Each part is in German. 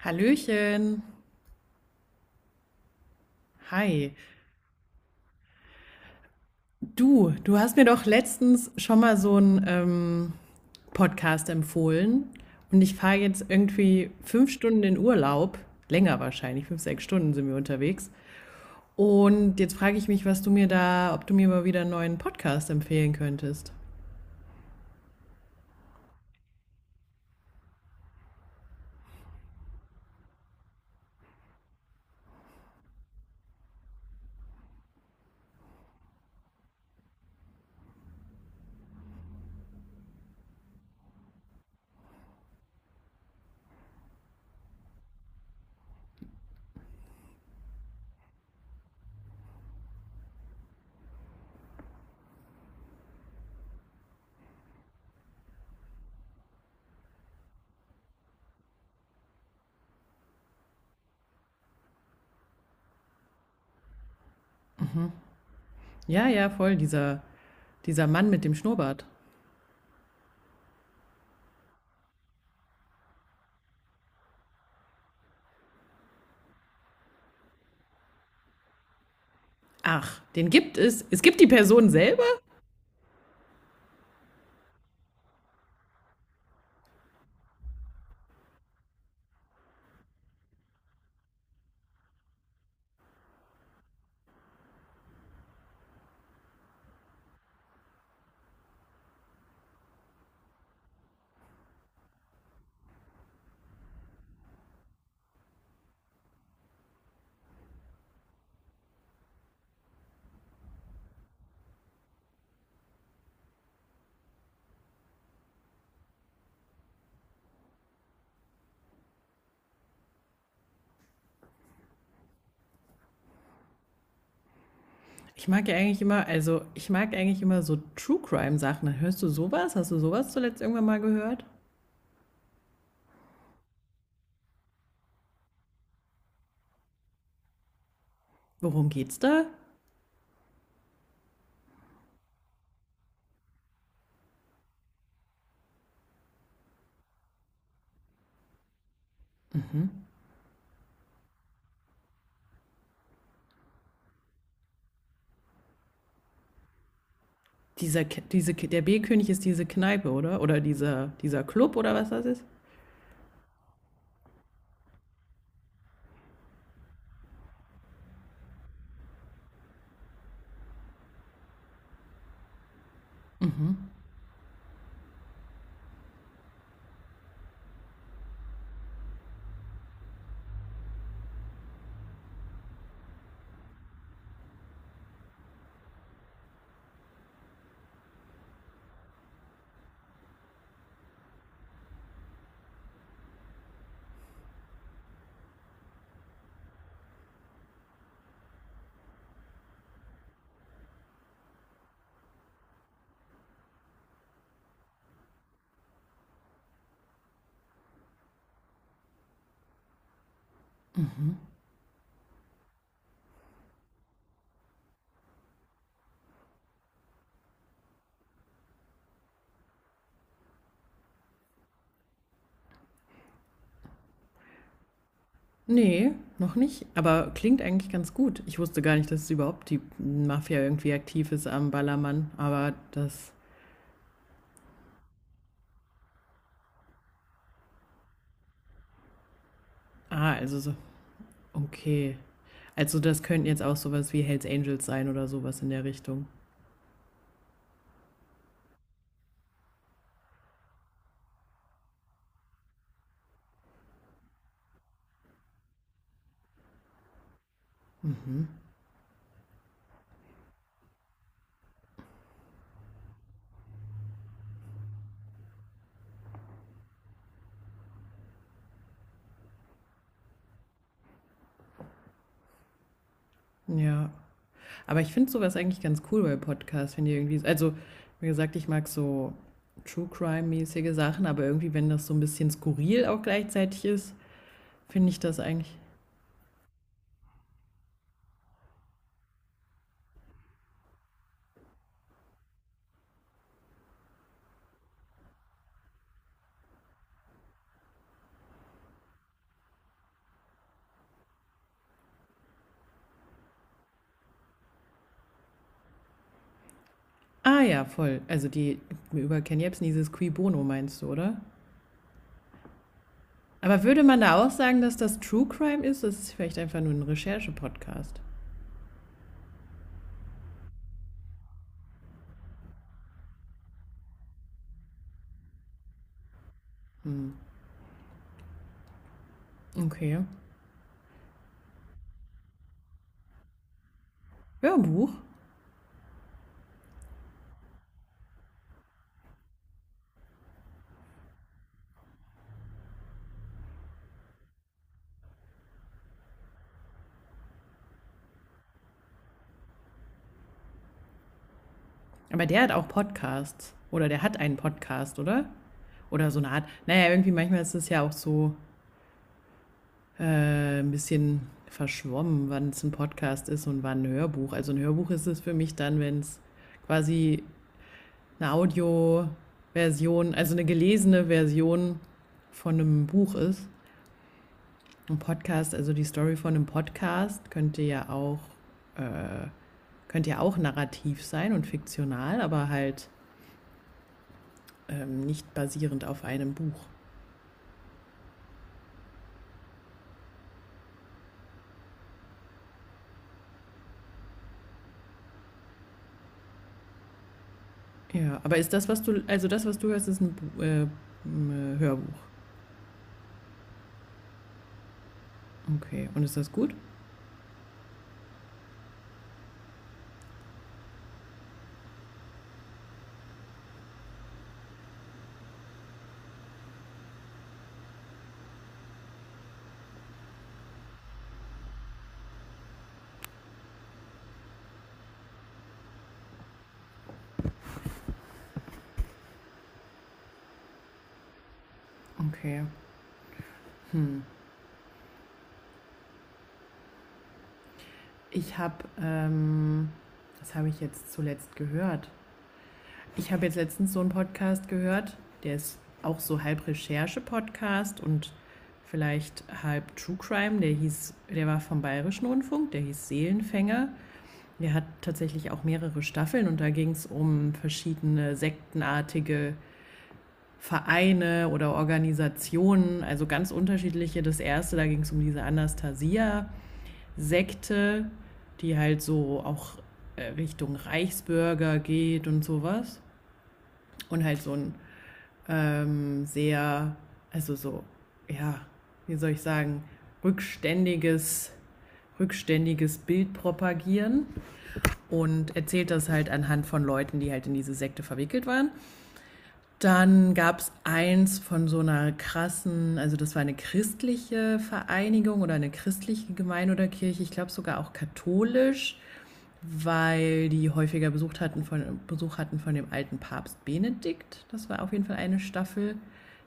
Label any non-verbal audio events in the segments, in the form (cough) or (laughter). Hallöchen. Hi. Du hast mir doch letztens schon mal so einen Podcast empfohlen und ich fahre jetzt irgendwie 5 Stunden in Urlaub, länger wahrscheinlich, 5, 6 Stunden sind wir unterwegs. Und jetzt frage ich mich, was du mir da, ob du mir mal wieder einen neuen Podcast empfehlen könntest. Ja, ja, voll, dieser Mann mit dem Schnurrbart. Ach, den gibt es. Es gibt die Person selbst. Ich mag ja eigentlich immer, also ich mag eigentlich immer so True Crime Sachen. Hörst du sowas? Hast du sowas zuletzt irgendwann mal gehört? Worum geht's da? Dieser, K- diese, K- Der B-König ist diese Kneipe, oder? Oder dieser Club oder was das ist? Nee, noch nicht. Aber klingt eigentlich ganz gut. Ich wusste gar nicht, dass es überhaupt die Mafia irgendwie aktiv ist am Ballermann. Aber das. Ah, also so. Okay. Also das könnten jetzt auch sowas wie Hells Angels sein oder sowas in der Richtung. Ja. Aber ich finde sowas eigentlich ganz cool bei Podcasts, wenn die irgendwie, also wie gesagt, ich mag so True Crime-mäßige Sachen, aber irgendwie, wenn das so ein bisschen skurril auch gleichzeitig ist, finde ich das eigentlich. Ah ja, voll. Also die über Ken Jebsen, dieses Qui Bono meinst du, oder? Aber würde man da auch sagen, dass das True Crime ist? Das ist vielleicht einfach nur ein Recherche-Podcast. Hm. Okay. Ja, ein Buch. Aber der hat auch Podcasts. Oder der hat einen Podcast, oder? Oder so eine Art. Naja, irgendwie manchmal ist es ja auch so, ein bisschen verschwommen, wann es ein Podcast ist und wann ein Hörbuch. Also ein Hörbuch ist es für mich dann, wenn es quasi eine Audioversion, also eine gelesene Version von einem Buch ist. Ein Podcast, also die Story von einem Podcast äh, könnte ja auch narrativ sein und fiktional, aber halt nicht basierend auf einem Buch. Ja, aber ist das, also das, was du hörst, ist äh, ein Hörbuch. Okay, und ist das gut? Okay. Hm. Ich habe, ähm, Das habe ich jetzt zuletzt gehört. Ich habe jetzt letztens so einen Podcast gehört, der ist auch so halb Recherche-Podcast und vielleicht halb True Crime. Der war vom Bayerischen Rundfunk, der hieß Seelenfänger. Der hat tatsächlich auch mehrere Staffeln und da ging es um verschiedene sektenartige Vereine oder Organisationen, also ganz unterschiedliche. Das erste, da ging es um diese Anastasia Sekte, die halt so auch Richtung Reichsbürger geht und sowas. Und halt so ein sehr, also so, ja, wie soll ich sagen, rückständiges, rückständiges Bild propagieren und erzählt das halt anhand von Leuten, die halt in diese Sekte verwickelt waren. Dann gab es eins von so einer krassen, also das war eine christliche Vereinigung oder eine christliche Gemeinde oder Kirche, ich glaube sogar auch katholisch, weil die häufiger Besuch hatten, Besuch hatten von dem alten Papst Benedikt. Das war auf jeden Fall eine Staffel.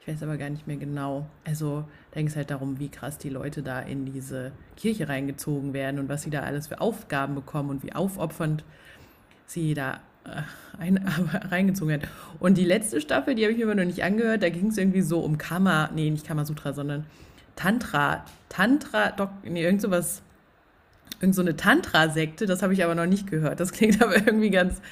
Ich weiß aber gar nicht mehr genau. Also da ging es halt darum, wie krass die Leute da in diese Kirche reingezogen werden und was sie da alles für Aufgaben bekommen und wie aufopfernd sie da äh, (laughs) reingezogen hat. Und die letzte Staffel, die habe ich mir immer noch nicht angehört, da ging es irgendwie so um Kama, nee, nicht Kamasutra, sondern Tantra, Tantra, irgend sowas. Irgend so eine Tantra-Sekte, das habe ich aber noch nicht gehört. Das klingt (laughs) aber irgendwie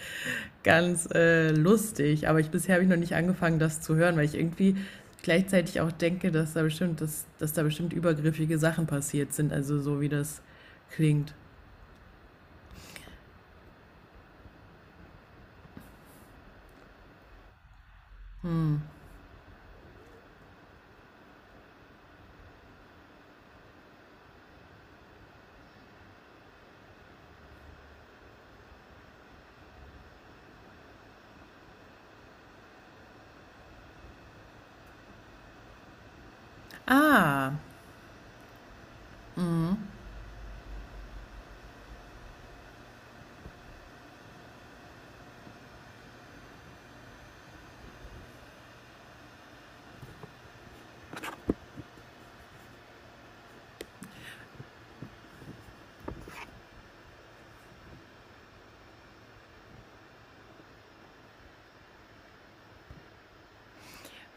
ganz lustig. Aber bisher habe ich noch nicht angefangen, das zu hören, weil ich irgendwie gleichzeitig auch denke, dass da bestimmt übergriffige Sachen passiert sind. Also so wie das klingt. Ah,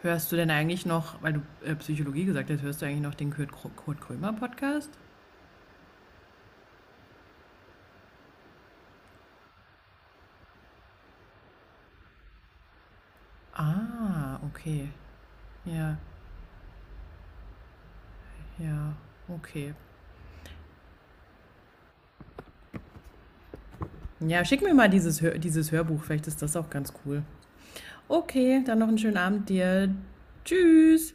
hörst du denn eigentlich noch, weil du Psychologie gesagt hast, hörst du eigentlich noch den Kurt Krömer Podcast? Ah, okay. Ja, ja, okay. Ja, schick mir mal dieses Hörbuch, vielleicht ist das auch ganz cool. Okay, dann noch einen schönen Abend dir. Tschüss.